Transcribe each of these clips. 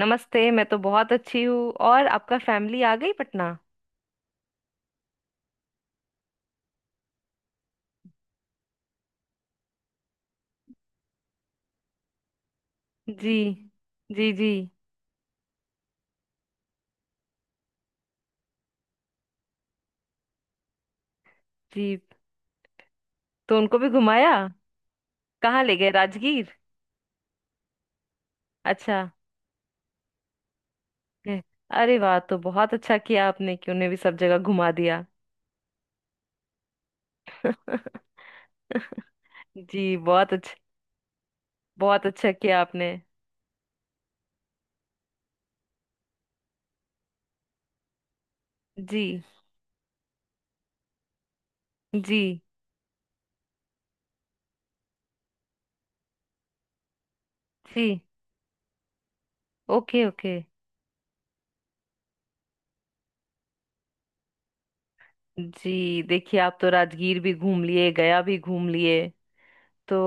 नमस्ते, मैं तो बहुत अच्छी हूँ। और आपका फैमिली आ गई पटना? जी। जी जी जी। तो उनको भी घुमाया। कहाँ ले गए, राजगीर? अच्छा। ए, अरे वाह, तो बहुत अच्छा किया आपने कि उन्हें भी सब जगह घुमा दिया। जी, बहुत अच्छा। बहुत अच्छा किया आपने। जी जी जी। Okay okay. जी देखिए, आप तो राजगीर भी घूम लिए, गया भी घूम लिए, तो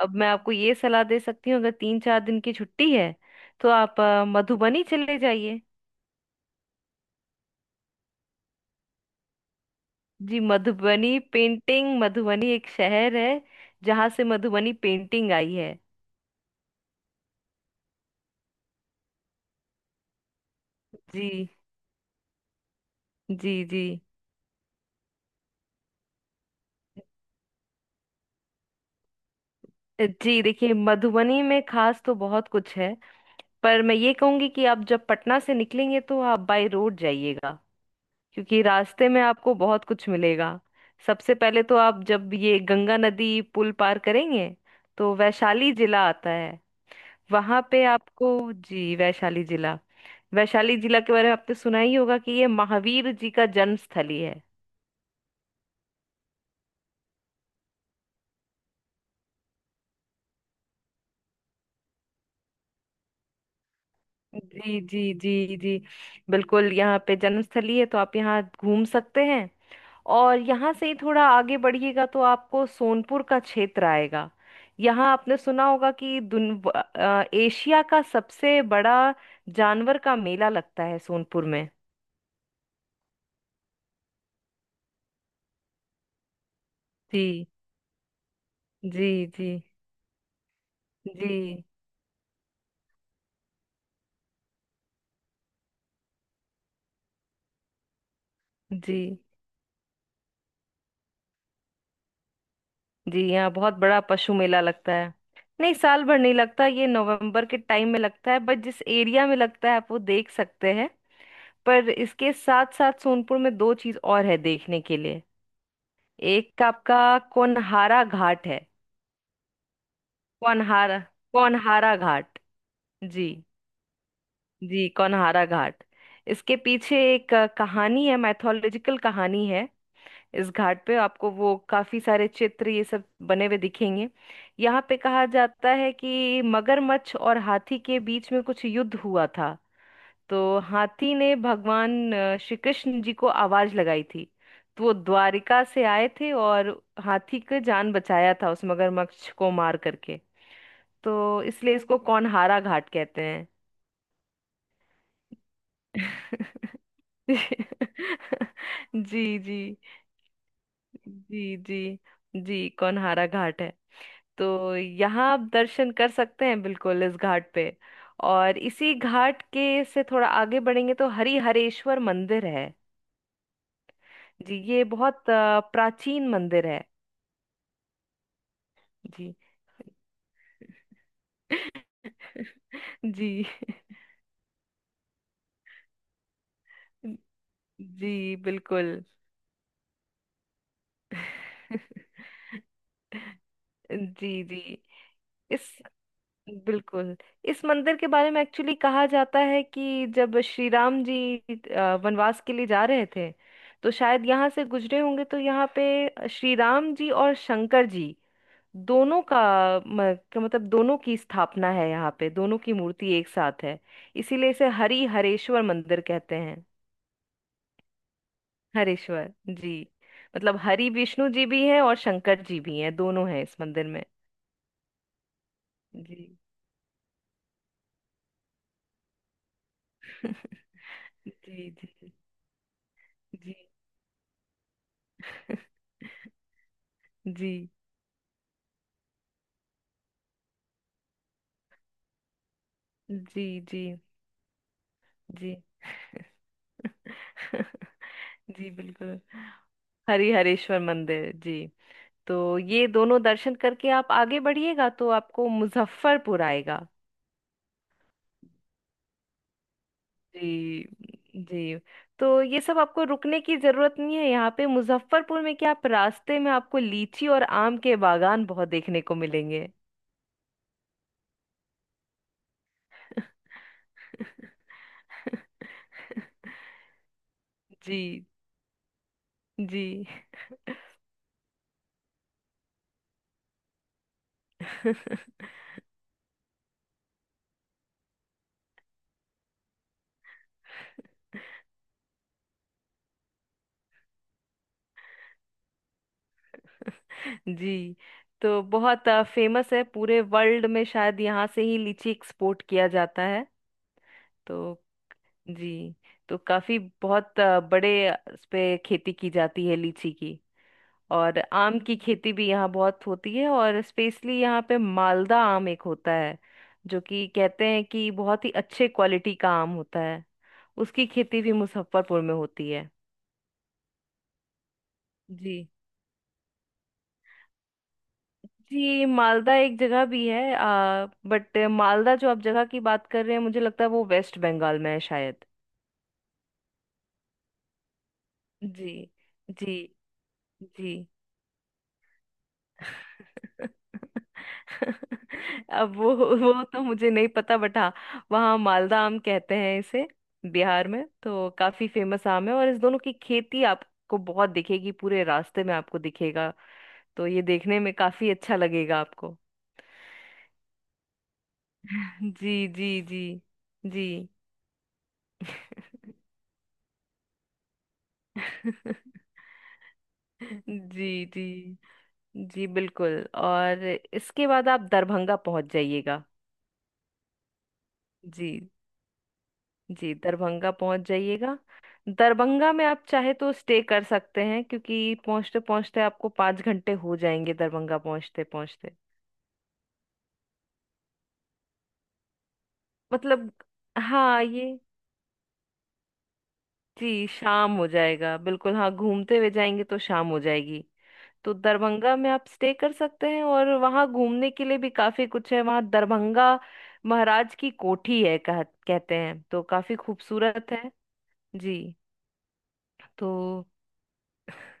अब मैं आपको ये सलाह दे सकती हूँ, अगर 3 4 दिन की छुट्टी है तो आप मधुबनी चले जाइए। जी मधुबनी पेंटिंग, मधुबनी एक शहर है जहाँ से मधुबनी पेंटिंग आई है। जी। जी जी। जी देखिए, मधुबनी में खास तो बहुत कुछ है, पर मैं ये कहूंगी कि आप जब पटना से निकलेंगे तो आप बाय रोड जाइएगा, क्योंकि रास्ते में आपको बहुत कुछ मिलेगा। सबसे पहले तो आप जब ये गंगा नदी पुल पार करेंगे तो वैशाली जिला आता है। वहां पे आपको, जी वैशाली जिला, वैशाली जिला के बारे में आपने सुना ही होगा कि ये महावीर जी का जन्मस्थली है। जी जी जी जी। बिल्कुल, यहाँ पे जन्मस्थली है तो आप यहाँ घूम सकते हैं। और यहाँ से ही थोड़ा आगे बढ़िएगा तो आपको सोनपुर का क्षेत्र आएगा। यहाँ आपने सुना होगा कि एशिया का सबसे बड़ा जानवर का मेला लगता है सोनपुर में। जी जी जी। जी जी। जी, यहाँ बहुत बड़ा पशु मेला लगता है। नहीं, साल भर नहीं लगता, ये नवंबर के टाइम में लगता है, बट जिस एरिया में लगता है आप वो देख सकते हैं। पर इसके साथ साथ सोनपुर में दो चीज और है देखने के लिए। एक आपका कोनहारा घाट है। कोनहारा, कोनहारा घाट। जी। जी कोनहारा घाट। इसके पीछे एक कहानी है, मैथोलॉजिकल कहानी है। इस घाट पे आपको वो काफी सारे चित्र, ये सब बने हुए दिखेंगे। यहाँ पे कहा जाता है कि मगरमच्छ और हाथी के बीच में कुछ युद्ध हुआ था। तो हाथी ने भगवान श्री कृष्ण जी को आवाज लगाई थी। तो वो द्वारिका से आए थे और हाथी की जान बचाया था, उस मगरमच्छ को मार करके। तो इसलिए इसको कौनहारा घाट कहते हैं। जी जी। जी जी। जी कौनहारा घाट है। तो यहाँ आप दर्शन कर सकते हैं बिल्कुल, इस घाट पे। और इसी घाट के से थोड़ा आगे बढ़ेंगे तो हरिहरेश्वर मंदिर है। जी, ये बहुत प्राचीन मंदिर है। जी। जी। जी बिल्कुल। जी जी। इस बिल्कुल, इस मंदिर के बारे में एक्चुअली कहा जाता है कि जब श्री राम जी वनवास के लिए जा रहे थे तो शायद यहाँ से गुजरे होंगे, तो यहाँ पे श्री राम जी और शंकर जी दोनों का का मतलब दोनों की स्थापना है, यहाँ पे दोनों की मूर्ति एक साथ है। इसीलिए इसे हरि हरेश्वर मंदिर कहते हैं। हरेश्वर। जी, मतलब हरि विष्णु जी भी हैं और शंकर जी भी हैं, दोनों हैं इस मंदिर में। जी। जी जी जी। जी जी जी जी। जी बिल्कुल, हरिहरेश्वर मंदिर जी। तो ये दोनों दर्शन करके आप आगे बढ़िएगा तो आपको मुजफ्फरपुर आएगा। जी जी। तो ये सब आपको रुकने की जरूरत नहीं है, यहाँ पे मुजफ्फरपुर में क्या, आप रास्ते में, आपको लीची और आम के बागान बहुत देखने को मिलेंगे। जी जी। जी, तो बहुत फेमस है पूरे वर्ल्ड में, शायद यहाँ से ही लीची एक्सपोर्ट किया जाता है। तो जी। तो काफी बहुत बड़े इस पे खेती की जाती है लीची की। और आम की खेती भी यहाँ बहुत होती है, और स्पेशली यहाँ पे मालदा आम एक होता है, जो कि कहते हैं कि बहुत ही अच्छे क्वालिटी का आम होता है। उसकी खेती भी मुजफ्फरपुर में होती है। जी जी, मालदा एक जगह भी है, बट मालदा जो आप जगह की बात कर रहे हैं, मुझे लगता है वो वेस्ट बंगाल में है शायद। जी जी जी। अब वो तो मुझे नहीं पता, बट हाँ, वहाँ मालदा आम कहते हैं इसे। बिहार में तो काफी फेमस आम है और इस दोनों की खेती आपको बहुत दिखेगी, पूरे रास्ते में आपको दिखेगा। तो ये देखने में काफी अच्छा लगेगा आपको। जी जी जी जी। जी जी जी बिल्कुल और इसके बाद आप दरभंगा पहुंच जाइएगा। जी। जी दरभंगा पहुंच जाइएगा। दरभंगा में आप चाहे तो स्टे कर सकते हैं, क्योंकि पहुंचते पहुंचते आपको 5 घंटे हो जाएंगे, दरभंगा पहुंचते पहुंचते। मतलब हाँ, ये जी, शाम हो जाएगा बिल्कुल, हाँ घूमते हुए जाएंगे तो शाम हो जाएगी। तो दरभंगा में आप स्टे कर सकते हैं और वहाँ घूमने के लिए भी काफी कुछ है। वहाँ दरभंगा महाराज की कोठी है, कहते हैं तो काफी खूबसूरत है। जी तो।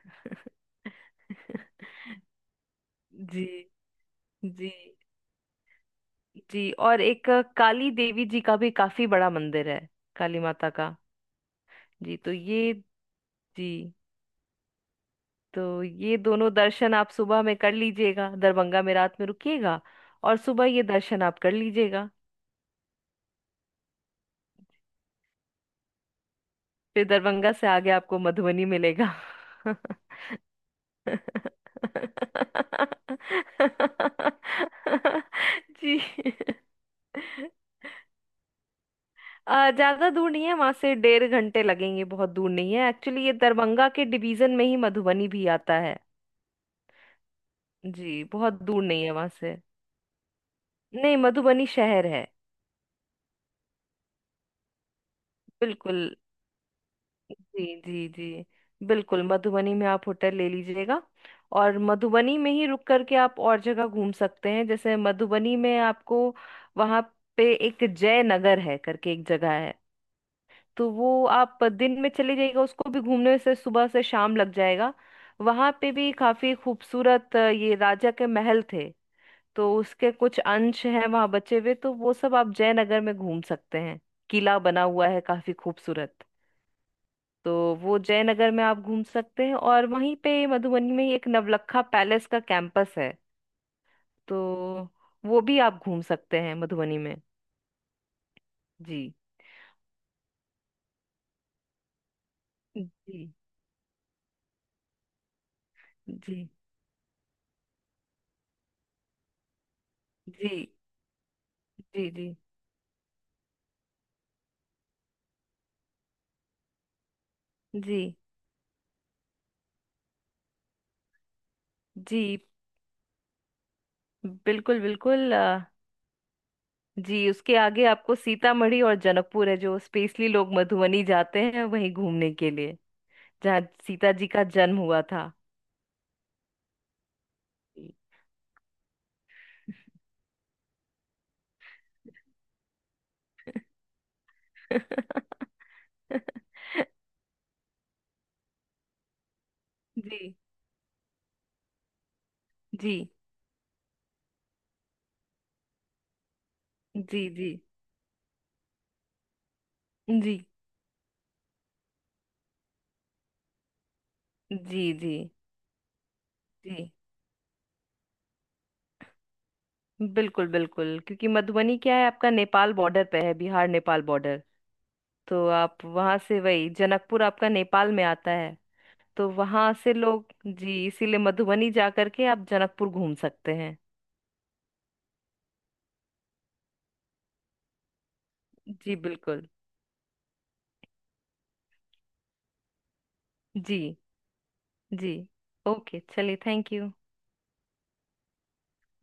जी जी जी। और एक काली देवी जी का भी काफी बड़ा मंदिर है, काली माता का। जी तो ये, जी तो ये दोनों दर्शन आप सुबह में कर लीजिएगा, दरभंगा में रात में रुकिएगा और सुबह ये दर्शन आप कर लीजिएगा। फिर दरभंगा से आगे आपको मधुबनी मिलेगा। जी, ज्यादा दूर नहीं है, वहां से 1.5 घंटे लगेंगे, बहुत दूर नहीं है, एक्चुअली ये दरभंगा के डिवीजन में ही मधुबनी भी आता है। जी, बहुत दूर नहीं है वहां से। नहीं, मधुबनी शहर है। बिल्कुल। जी जी जी बिल्कुल, मधुबनी में आप होटल ले लीजिएगा। और मधुबनी में ही रुक करके आप और जगह घूम सकते हैं। जैसे मधुबनी में आपको वहां पे एक जय नगर है करके, एक जगह है, तो वो आप दिन में चले जाइएगा, उसको भी घूमने से सुबह से शाम लग जाएगा। वहां पे भी काफी खूबसूरत ये राजा के महल थे, तो उसके कुछ अंश हैं वहां बचे हुए, तो वो सब आप जयनगर में घूम सकते हैं। किला बना हुआ है, काफी खूबसूरत। तो वो जयनगर में आप घूम सकते हैं। और वहीं पे मधुबनी में ही एक नवलखा पैलेस का कैंपस है, तो वो भी आप घूम सकते हैं मधुबनी में। जी जी जी जी। जी जी जी जी बिल्कुल बिल्कुल। जी, उसके आगे आपको सीतामढ़ी और जनकपुर है, जो स्पेशली लोग मधुबनी जाते हैं वहीं घूमने के लिए, जहाँ सीता जी का जन्म हुआ था। जी। जी जी जी जी। जी जी जी जी बिल्कुल बिल्कुल, क्योंकि मधुबनी क्या है, आपका नेपाल बॉर्डर पे है, बिहार नेपाल बॉर्डर। तो आप वहां से, वही जनकपुर आपका नेपाल में आता है। तो वहां से लोग जी, इसीलिए मधुबनी जा करके आप जनकपुर घूम सकते हैं। जी बिल्कुल। जी जी। ओके चलिए, थैंक यू।